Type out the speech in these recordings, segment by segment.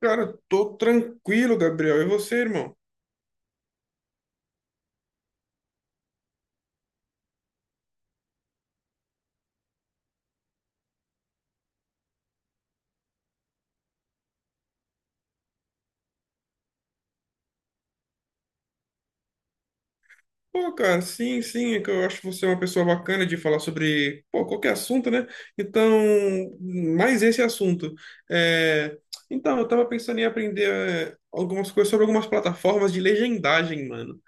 Cara, tô tranquilo, Gabriel. E você, irmão? Pô, cara, sim, é que eu acho você é uma pessoa bacana de falar sobre, pô, qualquer assunto, né? Então, mais esse assunto. É, Então, eu tava pensando em aprender algumas coisas sobre algumas plataformas de legendagem, mano.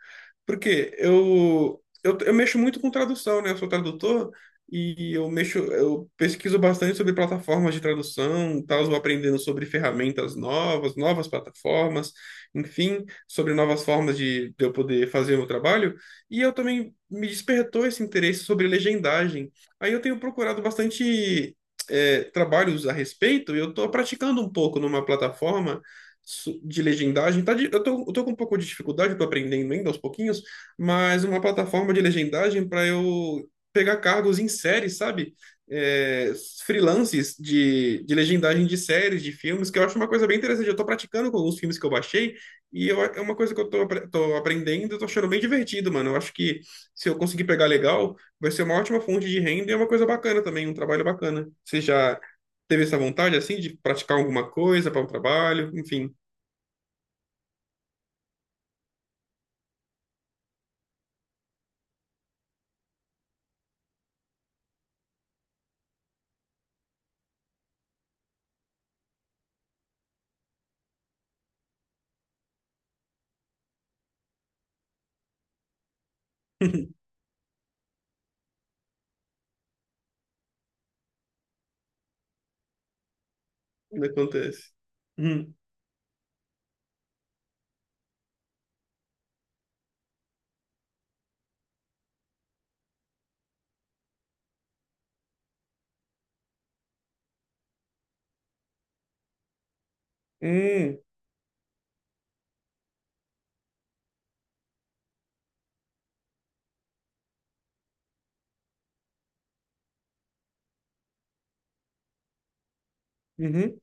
Porque eu mexo muito com tradução, né? Eu sou tradutor e eu mexo, eu pesquiso bastante sobre plataformas de tradução, tal, vou aprendendo sobre ferramentas novas, novas plataformas, enfim, sobre novas formas de eu poder fazer o meu trabalho. E eu também me despertou esse interesse sobre legendagem. Aí eu tenho procurado bastante trabalhos a respeito, e eu estou praticando um pouco numa plataforma de legendagem. Eu tô com um pouco de dificuldade, eu tô aprendendo ainda aos pouquinhos, mas uma plataforma de legendagem para eu pegar cargos em séries, sabe? É, freelances de legendagem de séries, de filmes, que eu acho uma coisa bem interessante. Eu tô praticando com alguns filmes que eu baixei é uma coisa que eu tô aprendendo, eu tô achando bem divertido, mano. Eu acho que se eu conseguir pegar legal, vai ser uma ótima fonte de renda e é uma coisa bacana também, um trabalho bacana. Você já teve essa vontade, assim, de praticar alguma coisa para um trabalho, enfim. Ainda acontece. Hum. Hum. Uhum.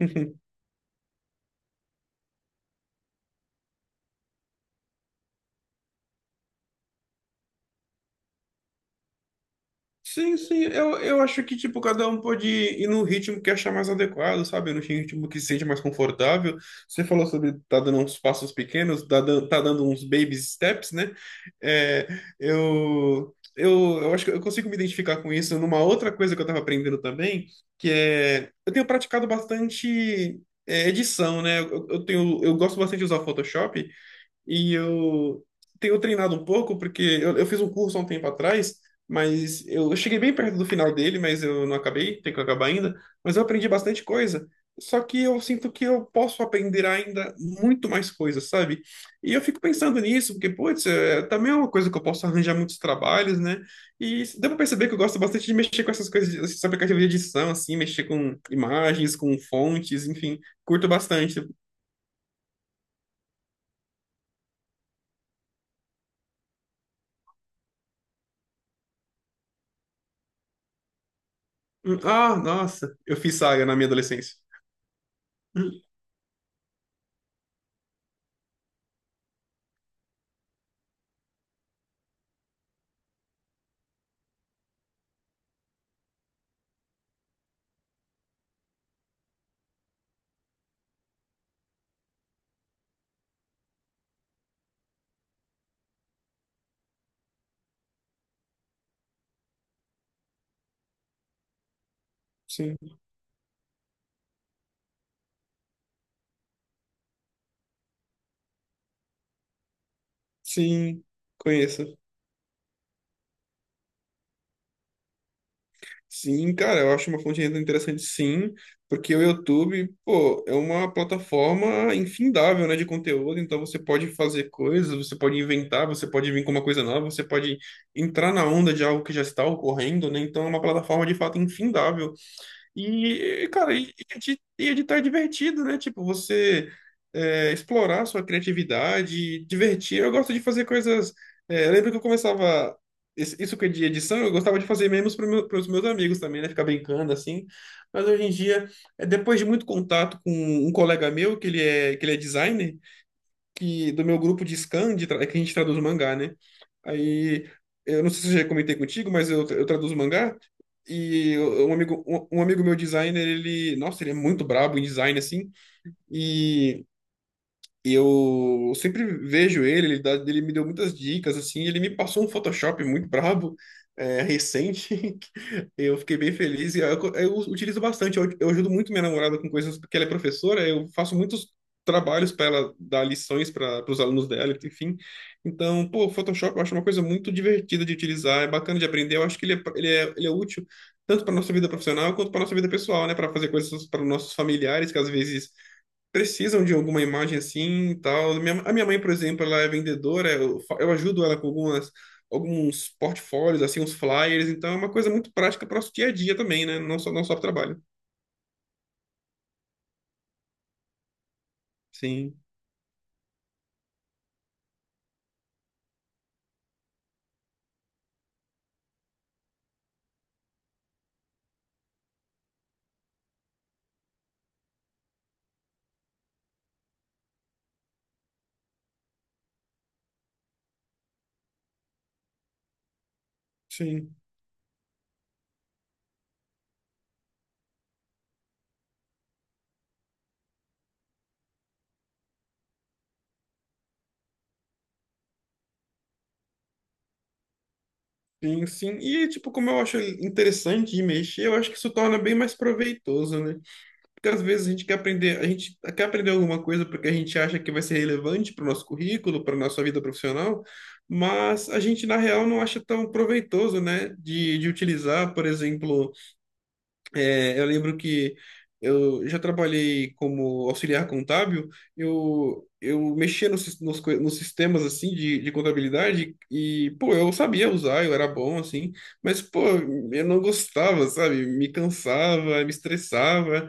Uhum. Sim, sim. Eu acho que, tipo, cada um pode ir no ritmo que achar mais adequado, sabe? No ritmo que se sente mais confortável. Você falou sobre tá dando uns passos pequenos, tá dando uns baby steps, né? É, eu acho que eu consigo me identificar com isso numa outra coisa que eu tava aprendendo também, que é... Eu tenho praticado bastante... edição, né? Eu tenho, eu gosto bastante de usar Photoshop. E eu tenho treinado um pouco, porque eu fiz um curso há um tempo atrás, mas eu cheguei bem perto do final dele, mas eu não acabei, tenho que acabar ainda. Mas eu aprendi bastante coisa. Só que eu sinto que eu posso aprender ainda muito mais coisas, sabe? E eu fico pensando nisso, porque, putz, é, também é uma coisa que eu posso arranjar muitos trabalhos, né? E deu pra perceber que eu gosto bastante de mexer com essas coisas, esses aplicativos de edição, assim, mexer com imagens, com fontes, enfim, curto bastante. Ah, nossa, eu fiz Saga na minha adolescência. Hum. Sim, sim, conheço. Sim, cara, eu acho uma fonte de renda interessante, sim, porque o YouTube, pô, é uma plataforma infindável, né, de conteúdo, então você pode fazer coisas, você pode inventar, você pode vir com uma coisa nova, você pode entrar na onda de algo que já está ocorrendo, né, então é uma plataforma de fato infindável. E, cara, e editar é divertido, né? Tipo, você explorar sua criatividade, divertir. Eu gosto de fazer coisas. É, eu lembro que eu começava. Isso que é de edição, eu gostava de fazer memes para os meus amigos também, né? Ficar brincando assim. Mas hoje em dia, depois de muito contato com um colega meu, que ele é designer que do meu grupo de scan, de tra- é que a gente traduz mangá, né? Aí, eu não sei se eu já comentei contigo, mas eu traduzo mangá. Um amigo, um amigo meu designer, ele, nossa, ele é muito brabo em design, assim. E eu sempre vejo ele me deu muitas dicas, assim, ele me passou um Photoshop muito brabo, recente, que eu fiquei bem feliz, e eu utilizo bastante, eu ajudo muito minha namorada com coisas, porque ela é professora, eu faço muitos trabalhos para ela dar lições para os alunos dela, enfim, então, pô, Photoshop eu acho uma coisa muito divertida de utilizar, é bacana de aprender, eu acho que ele é útil tanto para nossa vida profissional quanto para nossa vida pessoal, né, para fazer coisas para nossos familiares, que às vezes precisam de alguma imagem assim e tal. A minha mãe, por exemplo, ela é vendedora, eu, eu ajudo ela com algumas, alguns portfólios, assim, uns flyers, então é uma coisa muito prática para o nosso dia a dia também, né? Não só para trabalho. Sim, sim, sim, sim. E, tipo, como eu acho interessante de mexer, eu acho que isso torna bem mais proveitoso, né? Porque às vezes a gente quer aprender, a gente quer aprender alguma coisa porque a gente acha que vai ser relevante para o nosso currículo, para a nossa vida profissional, mas a gente, na real, não acha tão proveitoso, né, de utilizar. Por exemplo, eu lembro que eu já trabalhei como auxiliar contábil, eu mexia nos sistemas, assim, de contabilidade e, pô, eu sabia usar, eu era bom, assim, mas, pô, eu não gostava, sabe? Me cansava, me estressava.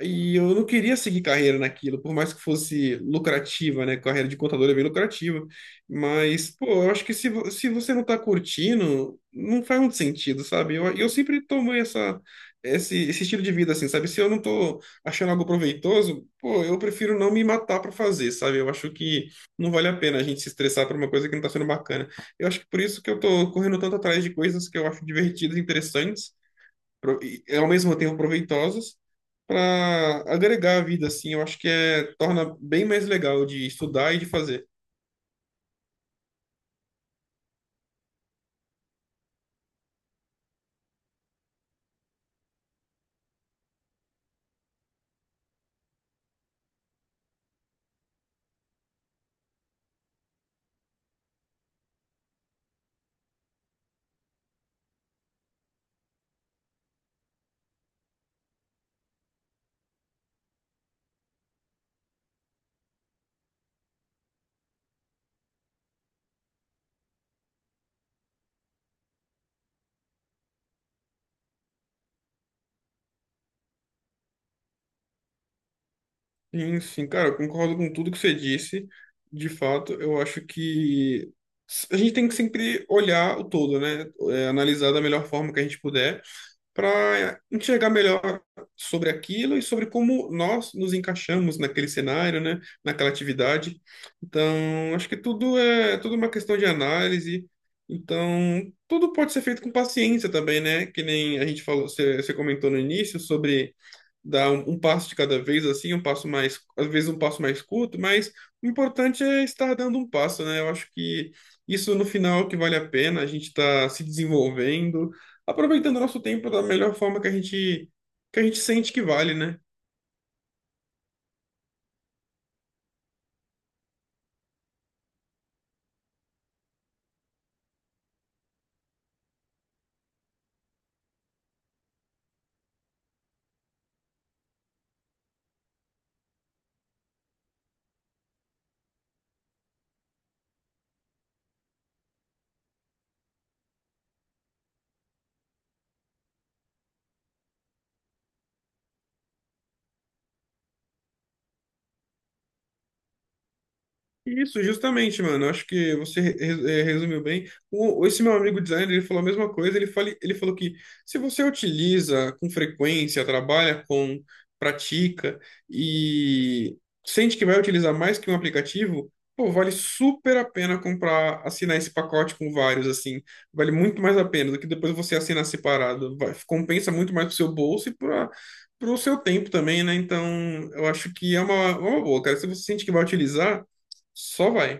E eu não queria seguir carreira naquilo, por mais que fosse lucrativa, né? Carreira de contador é bem lucrativa. Mas, pô, eu acho que se você não tá curtindo, não faz muito sentido, sabe? Eu sempre tomo esse estilo de vida, assim, sabe? Se eu não tô achando algo proveitoso, pô, eu prefiro não me matar pra fazer, sabe? Eu acho que não vale a pena a gente se estressar por uma coisa que não tá sendo bacana. Eu acho que por isso que eu tô correndo tanto atrás de coisas que eu acho divertidas e interessantes e, ao mesmo tempo proveitosas para agregar a vida, assim, eu acho que é, torna bem mais legal de estudar e de fazer. Sim, sim, cara, eu concordo com tudo que você disse. De fato, eu acho que a gente tem que sempre olhar o todo, né? É, analisar da melhor forma que a gente puder para enxergar melhor sobre aquilo e sobre como nós nos encaixamos naquele cenário, né, naquela atividade. Então, acho que tudo é uma questão de análise. Então, tudo pode ser feito com paciência também, né? Que nem a gente falou, você comentou no início sobre dar um passo de cada vez, assim, um passo mais, às vezes um passo mais curto, mas o importante é estar dando um passo, né? Eu acho que isso no final é o que vale a pena, a gente está se desenvolvendo, aproveitando o nosso tempo da melhor forma que a gente sente que vale, né? Isso, justamente, mano. Acho que você resumiu bem. O, esse meu amigo designer, ele falou a mesma coisa. Ele falou que se você utiliza com frequência, trabalha com, pratica e sente que vai utilizar mais que um aplicativo, pô, vale super a pena comprar, assinar esse pacote com vários, assim. Vale muito mais a pena do que depois você assinar separado. Compensa muito mais pro seu bolso e para o seu tempo também, né? Então, eu acho que é uma boa, cara. Se você sente que vai utilizar. Só vai,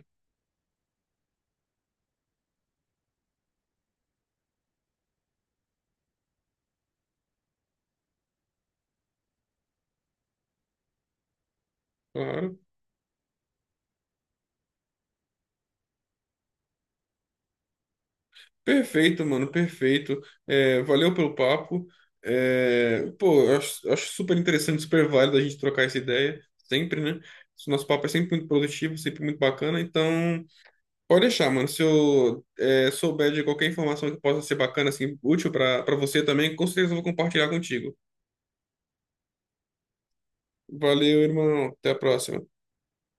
claro. Perfeito, mano, perfeito. É, valeu pelo papo. É, pô, eu acho, acho super interessante, super válido a gente trocar essa ideia, sempre, né? Esse nosso papo é sempre muito produtivo, sempre muito bacana. Então, pode deixar, mano. Se eu souber de qualquer informação que possa ser bacana, assim, útil para você também, com certeza eu vou compartilhar contigo. Valeu, irmão. Até a próxima.